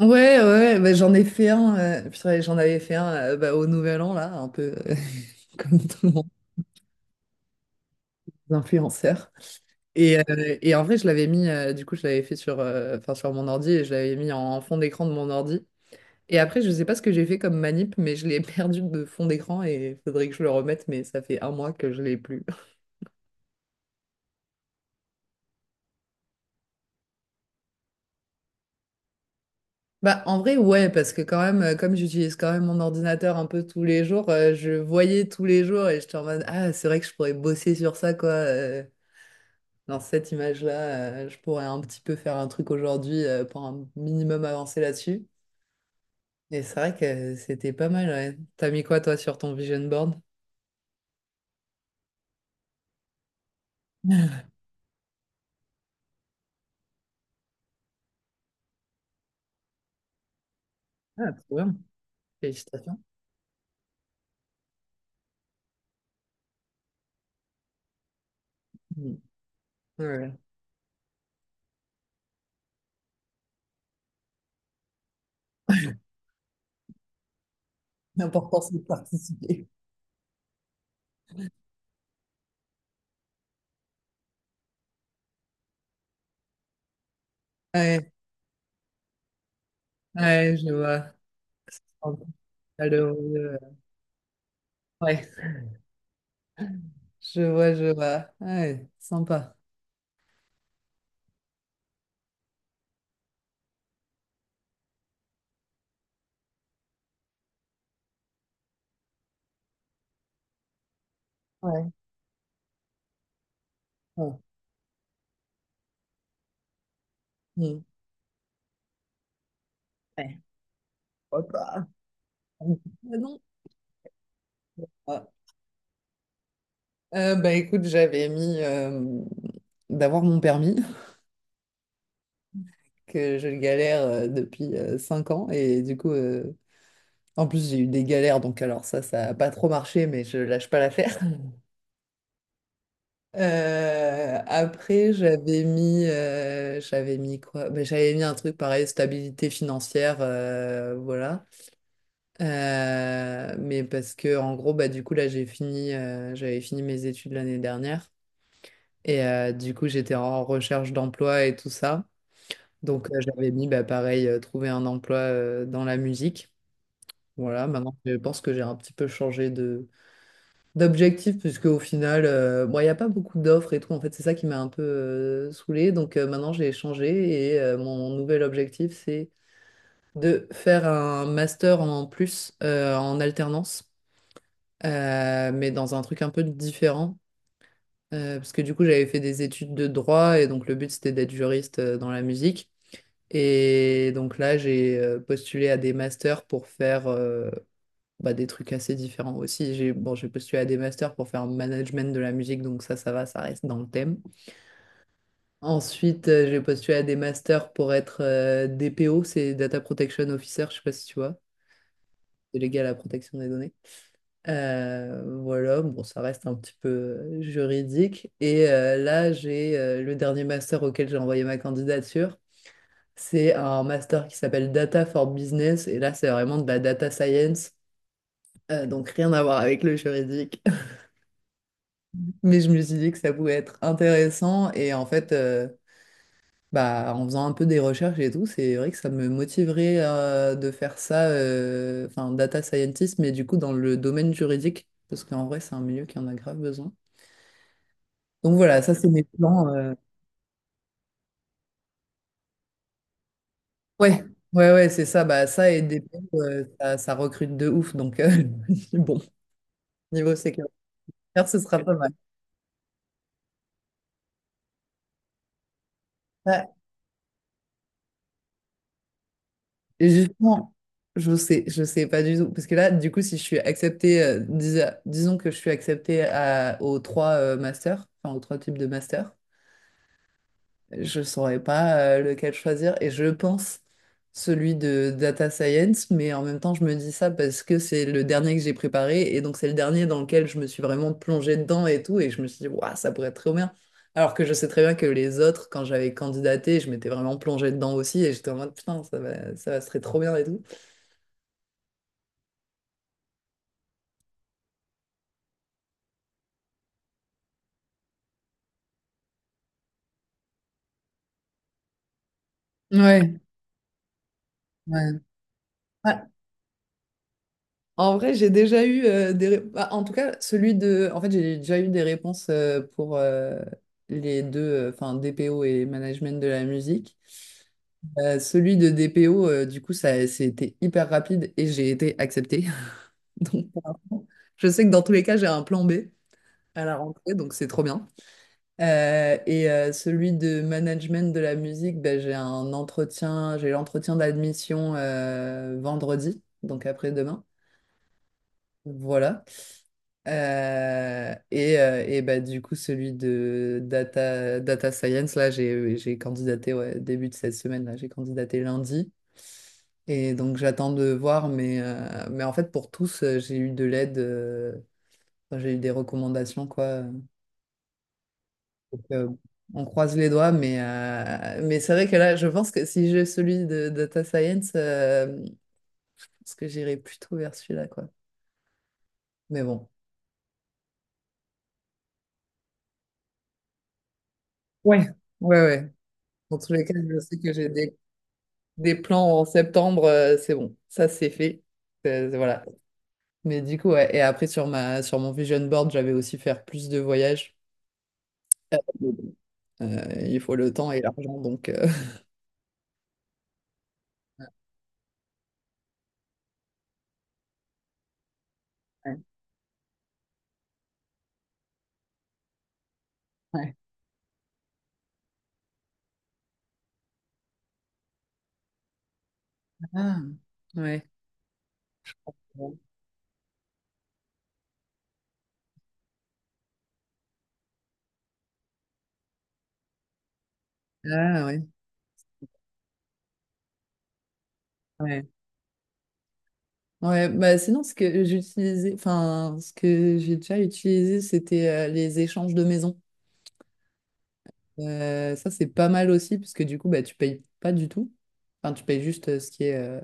Ouais, ouais, bah, j'en ai fait un. Purée, j'en avais fait un bah, au Nouvel An, là, un peu comme tout le monde, les influenceurs. Et, en vrai, je l'avais mis, du coup, je l'avais fait sur, enfin, sur mon ordi et je l'avais mis en fond d'écran de mon ordi. Et après, je sais pas ce que j'ai fait comme manip, mais je l'ai perdu de fond d'écran et faudrait que je le remette, mais ça fait un mois que je l'ai plus. Bah, en vrai, ouais, parce que quand même, comme j'utilise quand même mon ordinateur un peu tous les jours, je voyais tous les jours et j'étais en mode, ah, c'est vrai que je pourrais bosser sur ça, quoi. Dans cette image-là, je pourrais un petit peu faire un truc aujourd'hui pour un minimum avancer là-dessus. Et c'est vrai que c'était pas mal, ouais. T'as mis quoi, toi, sur ton vision board? Ah, trop bien. Félicitations. Mm. Ouais. L'important, c'est de participer. Ouais, ouais, je vois. C'est sympa. Allô, euh, ouais, je vois, je vois. Ouais, sympa. Ouais. Ouais. Mm. Ouais. Hop là. Ah non. Ah. Bah écoute, j'avais mis d'avoir mon permis. Que je galère depuis 5 ans. Et du coup, en plus, j'ai eu des galères, donc alors ça n'a pas trop marché, mais je lâche pas l'affaire. Après, j'avais mis quoi? Ben, j'avais mis un truc pareil, stabilité financière, voilà. Mais parce que en gros, bah du coup là, j'avais fini mes études l'année dernière et du coup, j'étais en recherche d'emploi et tout ça. Donc, j'avais mis, bah pareil, trouver un emploi dans la musique. Voilà, maintenant je pense que j'ai un petit peu changé de d'objectif puisque au final, bon, il n'y a pas beaucoup d'offres et tout. En fait, c'est ça qui m'a un peu saoulée. Donc maintenant, j'ai changé et mon nouvel objectif, c'est de faire un master en plus en alternance, mais dans un truc un peu différent. Parce que du coup, j'avais fait des études de droit et donc le but, c'était d'être juriste dans la musique. Et donc là, j'ai postulé à des masters pour faire... bah, des trucs assez différents aussi. J'ai bon, j'ai postulé à des masters pour faire management de la musique, donc ça va, ça reste dans le thème. Ensuite, j'ai postulé à des masters pour être DPO, c'est Data Protection Officer, je sais pas si tu vois, délégué à la protection des données. Voilà, bon, ça reste un petit peu juridique. Et là, j'ai le dernier master auquel j'ai envoyé ma candidature. C'est un master qui s'appelle Data for Business. Et là, c'est vraiment de la data science. Donc, rien à voir avec le juridique. Mais je me suis dit que ça pouvait être intéressant et en fait, bah, en faisant un peu des recherches et tout, c'est vrai que ça me motiverait de faire ça, enfin, data scientist, mais du coup dans le domaine juridique, parce qu'en vrai, c'est un milieu qui en a grave besoin. Donc voilà, ça c'est mes plans. Ouais, ouais, ouais, c'est ça, bah, ça et des ça, ça recrute de ouf, donc je me dis, bon, niveau sécuritaire, ce sera pas mal. Ouais. Et justement, je sais pas du tout. Parce que là, du coup, si je suis acceptée, disons que je suis acceptée aux trois masters, enfin aux trois types de masters, je saurais pas lequel choisir. Et je pense celui de data science, mais en même temps, je me dis ça parce que c'est le dernier que j'ai préparé. Et donc, c'est le dernier dans lequel je me suis vraiment plongée dedans et tout. Et je me suis dit, waouh, ça pourrait être trop bien. Alors que je sais très bien que les autres, quand j'avais candidaté, je m'étais vraiment plongée dedans aussi. Et j'étais en mode, putain, ça va, ce serait trop bien et tout. Ouais, ouais. Ouais. En vrai, j'ai déjà eu des... bah, en tout cas, celui de... En fait, j'ai déjà eu des réponses pour les deux, enfin, DPO et management de la musique. Celui de DPO, du coup, ça, c'était hyper rapide et j'ai été acceptée. Donc, pour l'instant, je sais que dans tous les cas, j'ai un plan B à la rentrée, donc c'est trop bien. Celui de management de la musique, ben, j'ai un entretien, j'ai l'entretien d'admission vendredi, donc après-demain. Voilà. Bah, du coup, celui de data science, là, j'ai candidaté ouais, début de cette semaine, là, j'ai candidaté lundi. Et donc, j'attends de voir, mais en fait, pour tous, j'ai eu de l'aide, enfin, j'ai eu des recommandations, quoi. Donc, on croise les doigts, mais c'est vrai que là, je pense que si j'ai celui de data science, je que j'irai plutôt vers celui-là, quoi. Mais bon. Ouais. Ouais, ouais. Dans tous les cas, je sais que j'ai des plans en septembre, c'est bon, ça c'est fait. Voilà. Mais du coup, ouais. Et après, sur mon vision board, j'avais aussi faire plus de voyages. Mais bon, il faut le temps et l'argent, donc. Ouais. Ouais. Ah, ouais. Ah, ouais. Ouais. Ouais, bah sinon, ce que j'utilisais, enfin, ce que j'ai déjà utilisé, c'était les échanges de maisons. Ça, c'est pas mal aussi, parce que du coup, bah, tu payes pas du tout. Enfin, tu payes juste ce qui est euh,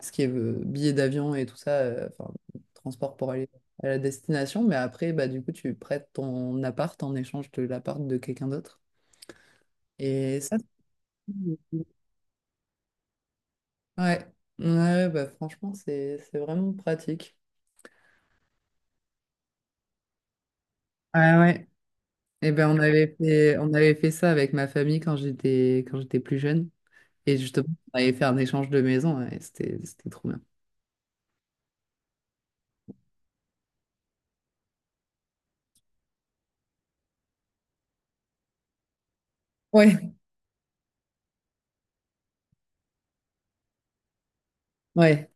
ce qui est euh, billets d'avion et tout ça, enfin, transport pour aller à la destination. Mais après, bah, du coup, tu prêtes ton appart en échange de l'appart de quelqu'un d'autre. Et ça, c'est- ouais, ouais, bah, franchement, c'est vraiment pratique. Ah ouais. Et ben, on avait fait ça avec ma famille quand j'étais plus jeune. Et justement, on avait fait un échange de maison. Et c'était trop bien. Ouais, ouais,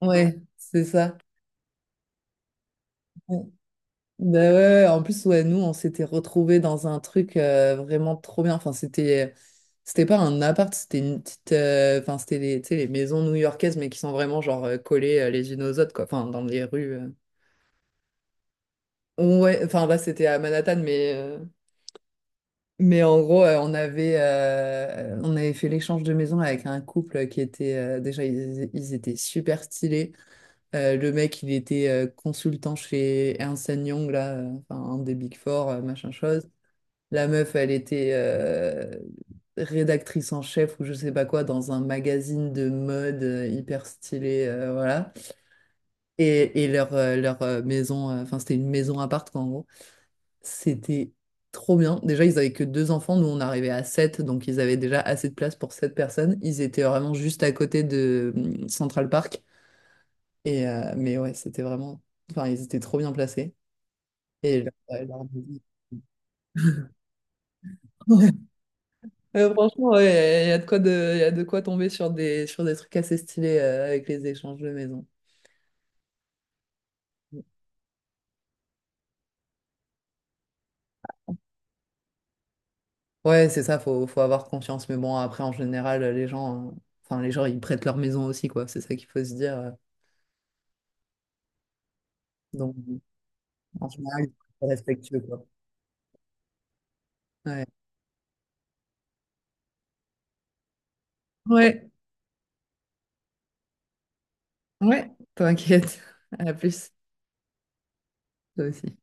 ouais, c'est ça. Ben ouais, ouais. Ouais. En plus, ouais, nous, on s'était retrouvés dans un truc vraiment trop bien. Enfin, c'était pas un appart, c'était une petite, enfin, c'était les, tu sais, les maisons new-yorkaises, mais qui sont vraiment genre collées les unes aux autres, quoi. Enfin, dans les rues. Ouais, enfin là, c'était à Manhattan, mais en gros, on avait fait l'échange de maison avec un couple qui était, déjà, ils étaient super stylés. Le mec, il était consultant chez Ernst Young, là, enfin, un des Big Four, machin chose. La meuf, elle était rédactrice en chef ou je sais pas quoi dans un magazine de mode hyper stylé, voilà. Et leur, maison, enfin c'était une maison à quoi en gros. C'était trop bien. Déjà, ils avaient que deux enfants, nous on arrivait à sept, donc ils avaient déjà assez de place pour sept personnes. Ils étaient vraiment juste à côté de Central Park. Et, mais ouais, c'était vraiment... Enfin, ils étaient trop bien placés. Et leur, leur... Franchement, ouais, il y, a y a de quoi de, y a de quoi tomber sur des trucs assez stylés avec les échanges de maison. Ouais, c'est ça, faut avoir confiance. Mais bon, après, en général, les gens, enfin, les gens, ils prêtent leur maison aussi, quoi. C'est ça qu'il faut se dire. Donc, en général, ils sont respectueux, quoi. Ouais, ouais, ouais, t'inquiète. À plus, toi aussi.